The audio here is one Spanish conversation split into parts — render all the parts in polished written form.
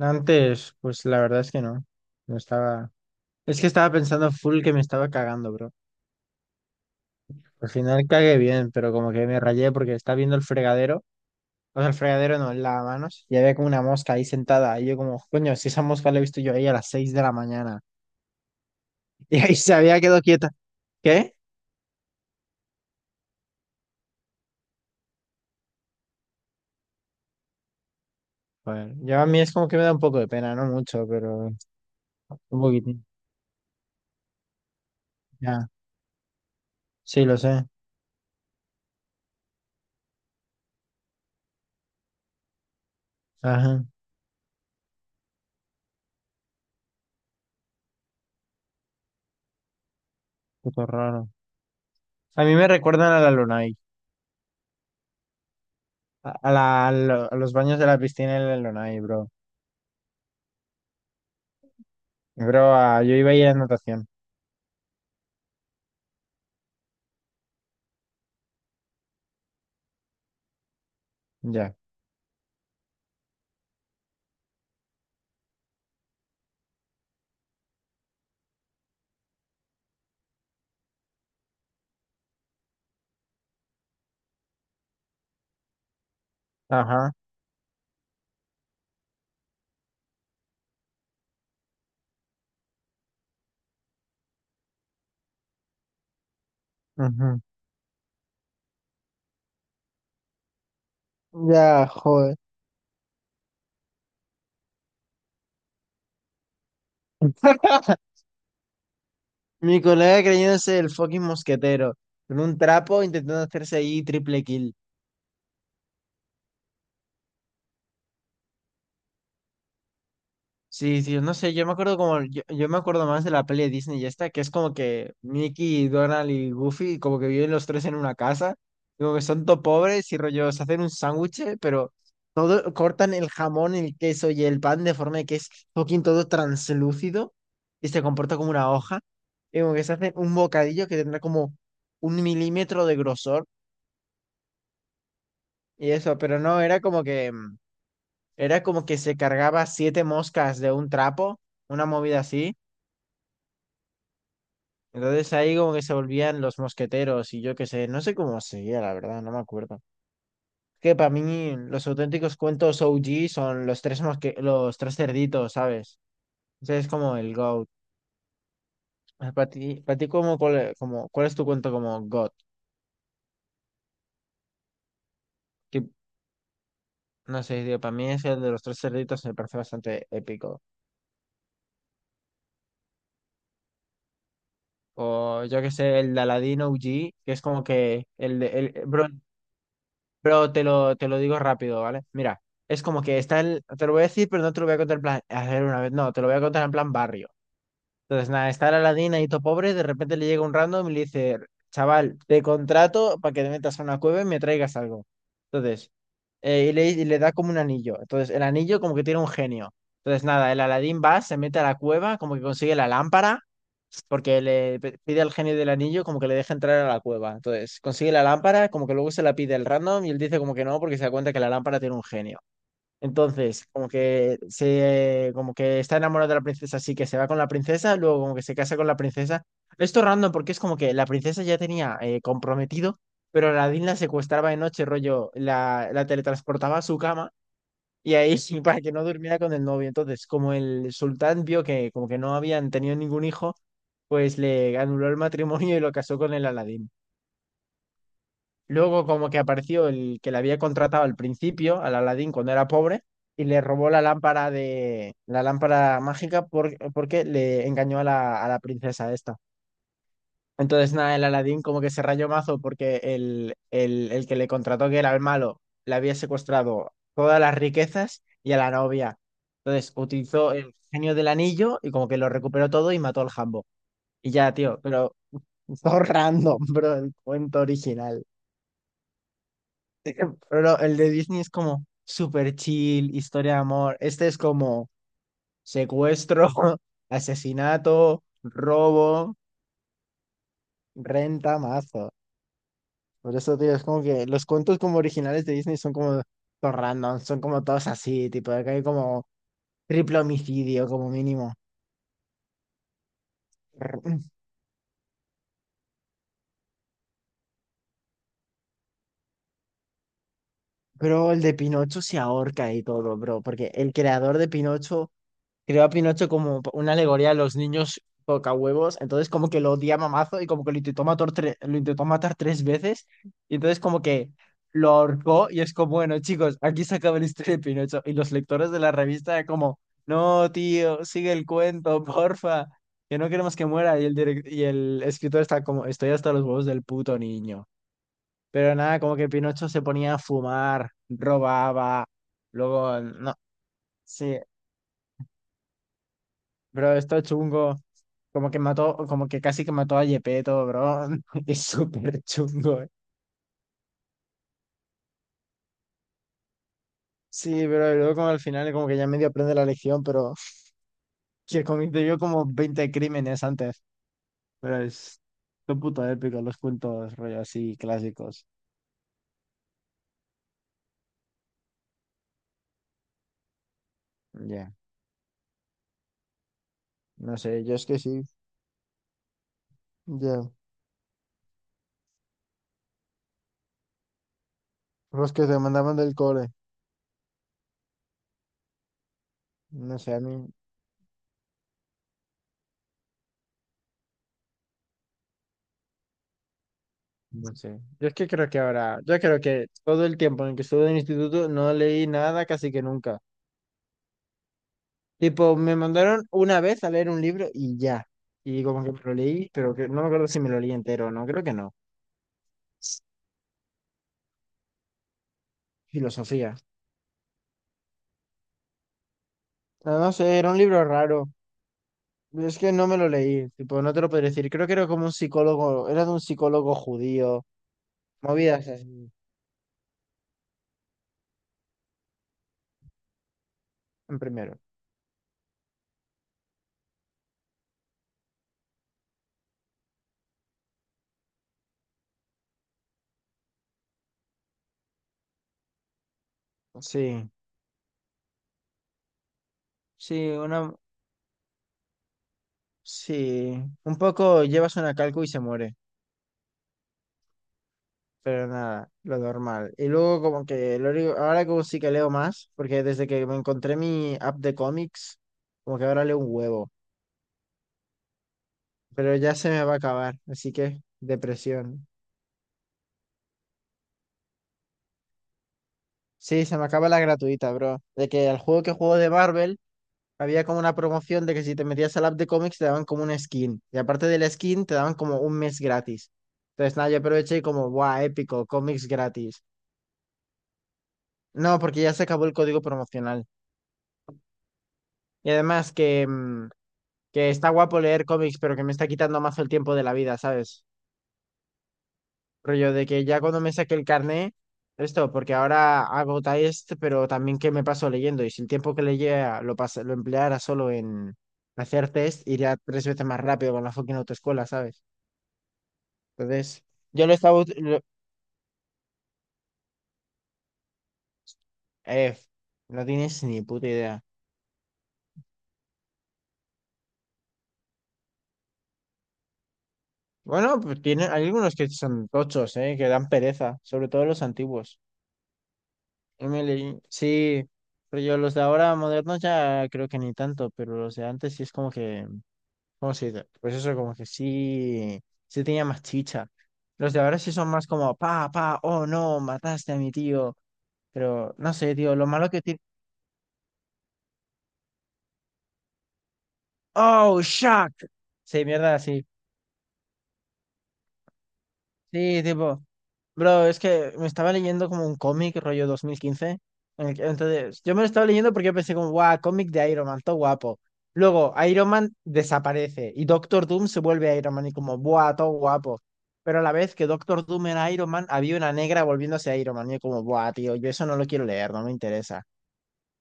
Antes, pues la verdad es que no. No estaba. Es que estaba pensando full que me estaba cagando, bro. Al final cagué bien, pero como que me rayé porque estaba viendo el fregadero. O sea, el fregadero no, el lavamanos. Y había como una mosca ahí sentada. Y yo como, coño, si esa mosca la he visto yo ahí a las 6 de la mañana. Y ahí se había quedado quieta. ¿Qué? Bueno, yo a mí es como que me da un poco de pena, no mucho, pero un poquitín. Ya, sí, lo sé. Ajá, puto raro. A mí me recuerdan a la Lunai, a los baños de la piscina en la Lunai, bro. Bro, yo iba a ir a natación. Ya. Ajá. Ujú. Ya, joder. Mi colega creyéndose el fucking mosquetero. Con un trapo intentando hacerse ahí triple kill. Sí, sí, no sé, yo me acuerdo como, yo me acuerdo más de la peli de Disney y esta, que es como que Mickey, Donald y Goofy como que viven los tres en una casa, y como que son todo pobres y rollo, se hacen un sándwich, pero todo, cortan el jamón, el queso y el pan de forma que es fucking todo translúcido y se comporta como una hoja, y como que se hace un bocadillo que tendrá como 1 mm de grosor y eso, pero no, era como que se cargaba siete moscas de un trapo, una movida así. Entonces ahí como que se volvían los mosqueteros y yo qué sé, no sé cómo seguía, la verdad, no me acuerdo. Que para mí los auténticos cuentos OG son los tres cerditos, ¿sabes? Ese es como el GOAT. Ah, para ti, para ti como, cuál, como, ¿cuál es tu cuento como GOAT? Que, no sé, tío, para mí es el de los tres cerditos, me parece bastante épico. O yo qué sé, el de Aladino OG, que es como que el de... bro, pero te lo digo rápido, ¿vale? Mira, es como que está el... Te lo voy a decir, pero no te lo voy a contar en plan hacer una vez. No, te lo voy a contar en plan barrio. Entonces, nada, está la ladina y todo pobre, de repente le llega un random y le dice, chaval, te contrato para que te metas a una cueva y me traigas algo. Entonces, y le da como un anillo. Entonces, el anillo como que tiene un genio. Entonces, nada, el Aladín va, se mete a la cueva, como que consigue la lámpara, porque pide al genio del anillo como que le deje entrar a la cueva. Entonces, consigue la lámpara, como que luego se la pide el random y él dice como que no, porque se da cuenta que la lámpara tiene un genio. Entonces, como que está enamorado de la princesa, así que se va con la princesa, luego como que se casa con la princesa. Esto es random porque es como que la princesa ya tenía comprometido, pero Aladdin la secuestraba de noche, rollo, la teletransportaba a su cama y ahí sí, para que no durmiera con el novio. Entonces, como el sultán vio que como que no habían tenido ningún hijo, pues le anuló el matrimonio y lo casó con el Aladdin. Luego como que apareció el que le había contratado al principio, al Aladín cuando era pobre, y le robó la lámpara de la lámpara mágica porque le engañó a la princesa esta. Entonces nada, el Aladín como que se rayó mazo porque el que le contrató, que era el malo, le había secuestrado todas las riquezas y a la novia. Entonces utilizó el genio del anillo y como que lo recuperó todo y mató al Jambo. Y ya, tío, pero todo random, bro, el cuento original. Pero no, el de Disney es como super chill, historia de amor. Este es como secuestro, asesinato, robo, renta, mazo. Por eso, tío, es como que los cuentos como originales de Disney son como todos random, son como todos así, tipo, acá hay como triple homicidio como mínimo. Pero el de Pinocho se ahorca y todo, bro, porque el creador de Pinocho creó a Pinocho como una alegoría a los niños tocahuevos, entonces como que lo odia mamazo y como que lo intentó matar, lo intentó matar tres veces, y entonces como que lo ahorcó y es como, bueno, chicos, aquí se acaba la historia de Pinocho, y los lectores de la revista era como, no, tío, sigue el cuento, porfa, que no queremos que muera, y y el escritor está como, estoy hasta los huevos del puto niño. Pero nada, como que Pinocho se ponía a fumar, robaba, luego, no, sí. Bro, esto es chungo. Como que mató, como que casi que mató a Gepetto, bro. Es súper chungo. Sí, pero luego como al final como que ya medio aprende la lección, pero que cometió como 20 crímenes antes. Pero es son puto épico los cuentos rollo así clásicos. Ya. No sé, yo es que sí. Ya. Los que te mandaban del cole. No sé, a mí. No sé. Yo es que creo que ahora, yo creo que todo el tiempo en que estuve en el instituto no leí nada casi que nunca. Tipo, me mandaron una vez a leer un libro y ya. Y como que me lo leí, pero que, no me acuerdo si me lo leí entero, no, creo que no. Filosofía. No, no sé, era un libro raro. Es que no me lo leí, tipo, no te lo podría decir. Creo que era como un psicólogo, era de un psicólogo judío. Movidas así. En primero. Sí, sí, una, sí. Un poco llevas una calco y se muere. Pero nada, lo normal. Y luego como que ahora como sí que leo más, porque desde que me encontré mi app de cómics, como que ahora leo un huevo, pero ya se me va a acabar, así que depresión. Sí, se me acaba la gratuita, bro. De que al juego que juego de Marvel había como una promoción de que si te metías al app de cómics te daban como una skin. Y aparte de la skin te daban como un mes gratis. Entonces nada, yo aproveché y como, guau, épico, cómics gratis. No, porque ya se acabó el código promocional. Y además que... que está guapo leer cómics, pero que me está quitando mazo el tiempo de la vida, ¿sabes? Rollo de que ya cuando me saque el carné, esto, porque ahora hago test, pero también que me paso leyendo, y si el tiempo que leía lo empleara solo en hacer test, iría tres veces más rápido con la fucking autoescuela, ¿sabes? Entonces, yo lo estaba... eh, no tienes ni puta idea. Bueno, pues tiene, hay algunos que son tochos, ¿eh? Que dan pereza, sobre todo los antiguos. Emily, sí, pero yo los de ahora modernos ya creo que ni tanto, pero los de antes sí es como que, ¿cómo se dice? Pues eso, como que sí, sí tenía más chicha. Los de ahora sí son más como, pa, pa, oh, no, mataste a mi tío, pero no sé, tío, lo malo que tiene, oh, shock, sí, mierda, así. Sí, tipo, bro, es que me estaba leyendo como un cómic rollo 2015, entonces, yo me lo estaba leyendo porque yo pensé como, guau, cómic de Iron Man, todo guapo. Luego, Iron Man desaparece y Doctor Doom se vuelve Iron Man y como, buah, todo guapo. Pero a la vez que Doctor Doom era Iron Man, había una negra volviéndose Iron Man y yo como, buah, tío, yo eso no lo quiero leer, no me interesa.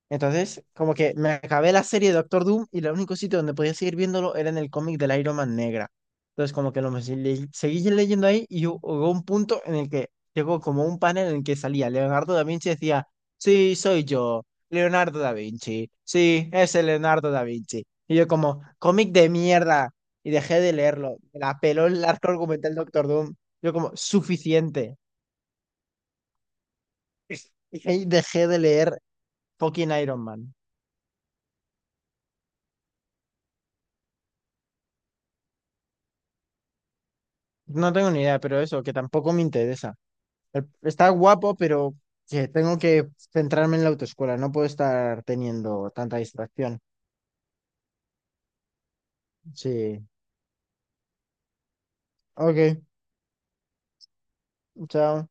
Entonces, como que me acabé la serie de Doctor Doom y el único sitio donde podía seguir viéndolo era en el cómic del Iron Man negra. Entonces, como que seguí leyendo ahí y hubo un punto en el que llegó como un panel en el que salía Leonardo da Vinci y decía, sí, soy yo, Leonardo da Vinci, sí, es el Leonardo da Vinci. Y yo como, cómic de mierda, y dejé de leerlo. Me la peló el arco argumental Doctor Doom. Yo como, suficiente. Y ahí dejé de leer fucking Iron Man. No tengo ni idea, pero eso, que tampoco me interesa. Está guapo, pero que tengo que centrarme en la autoescuela. No puedo estar teniendo tanta distracción. Sí. Ok, chao.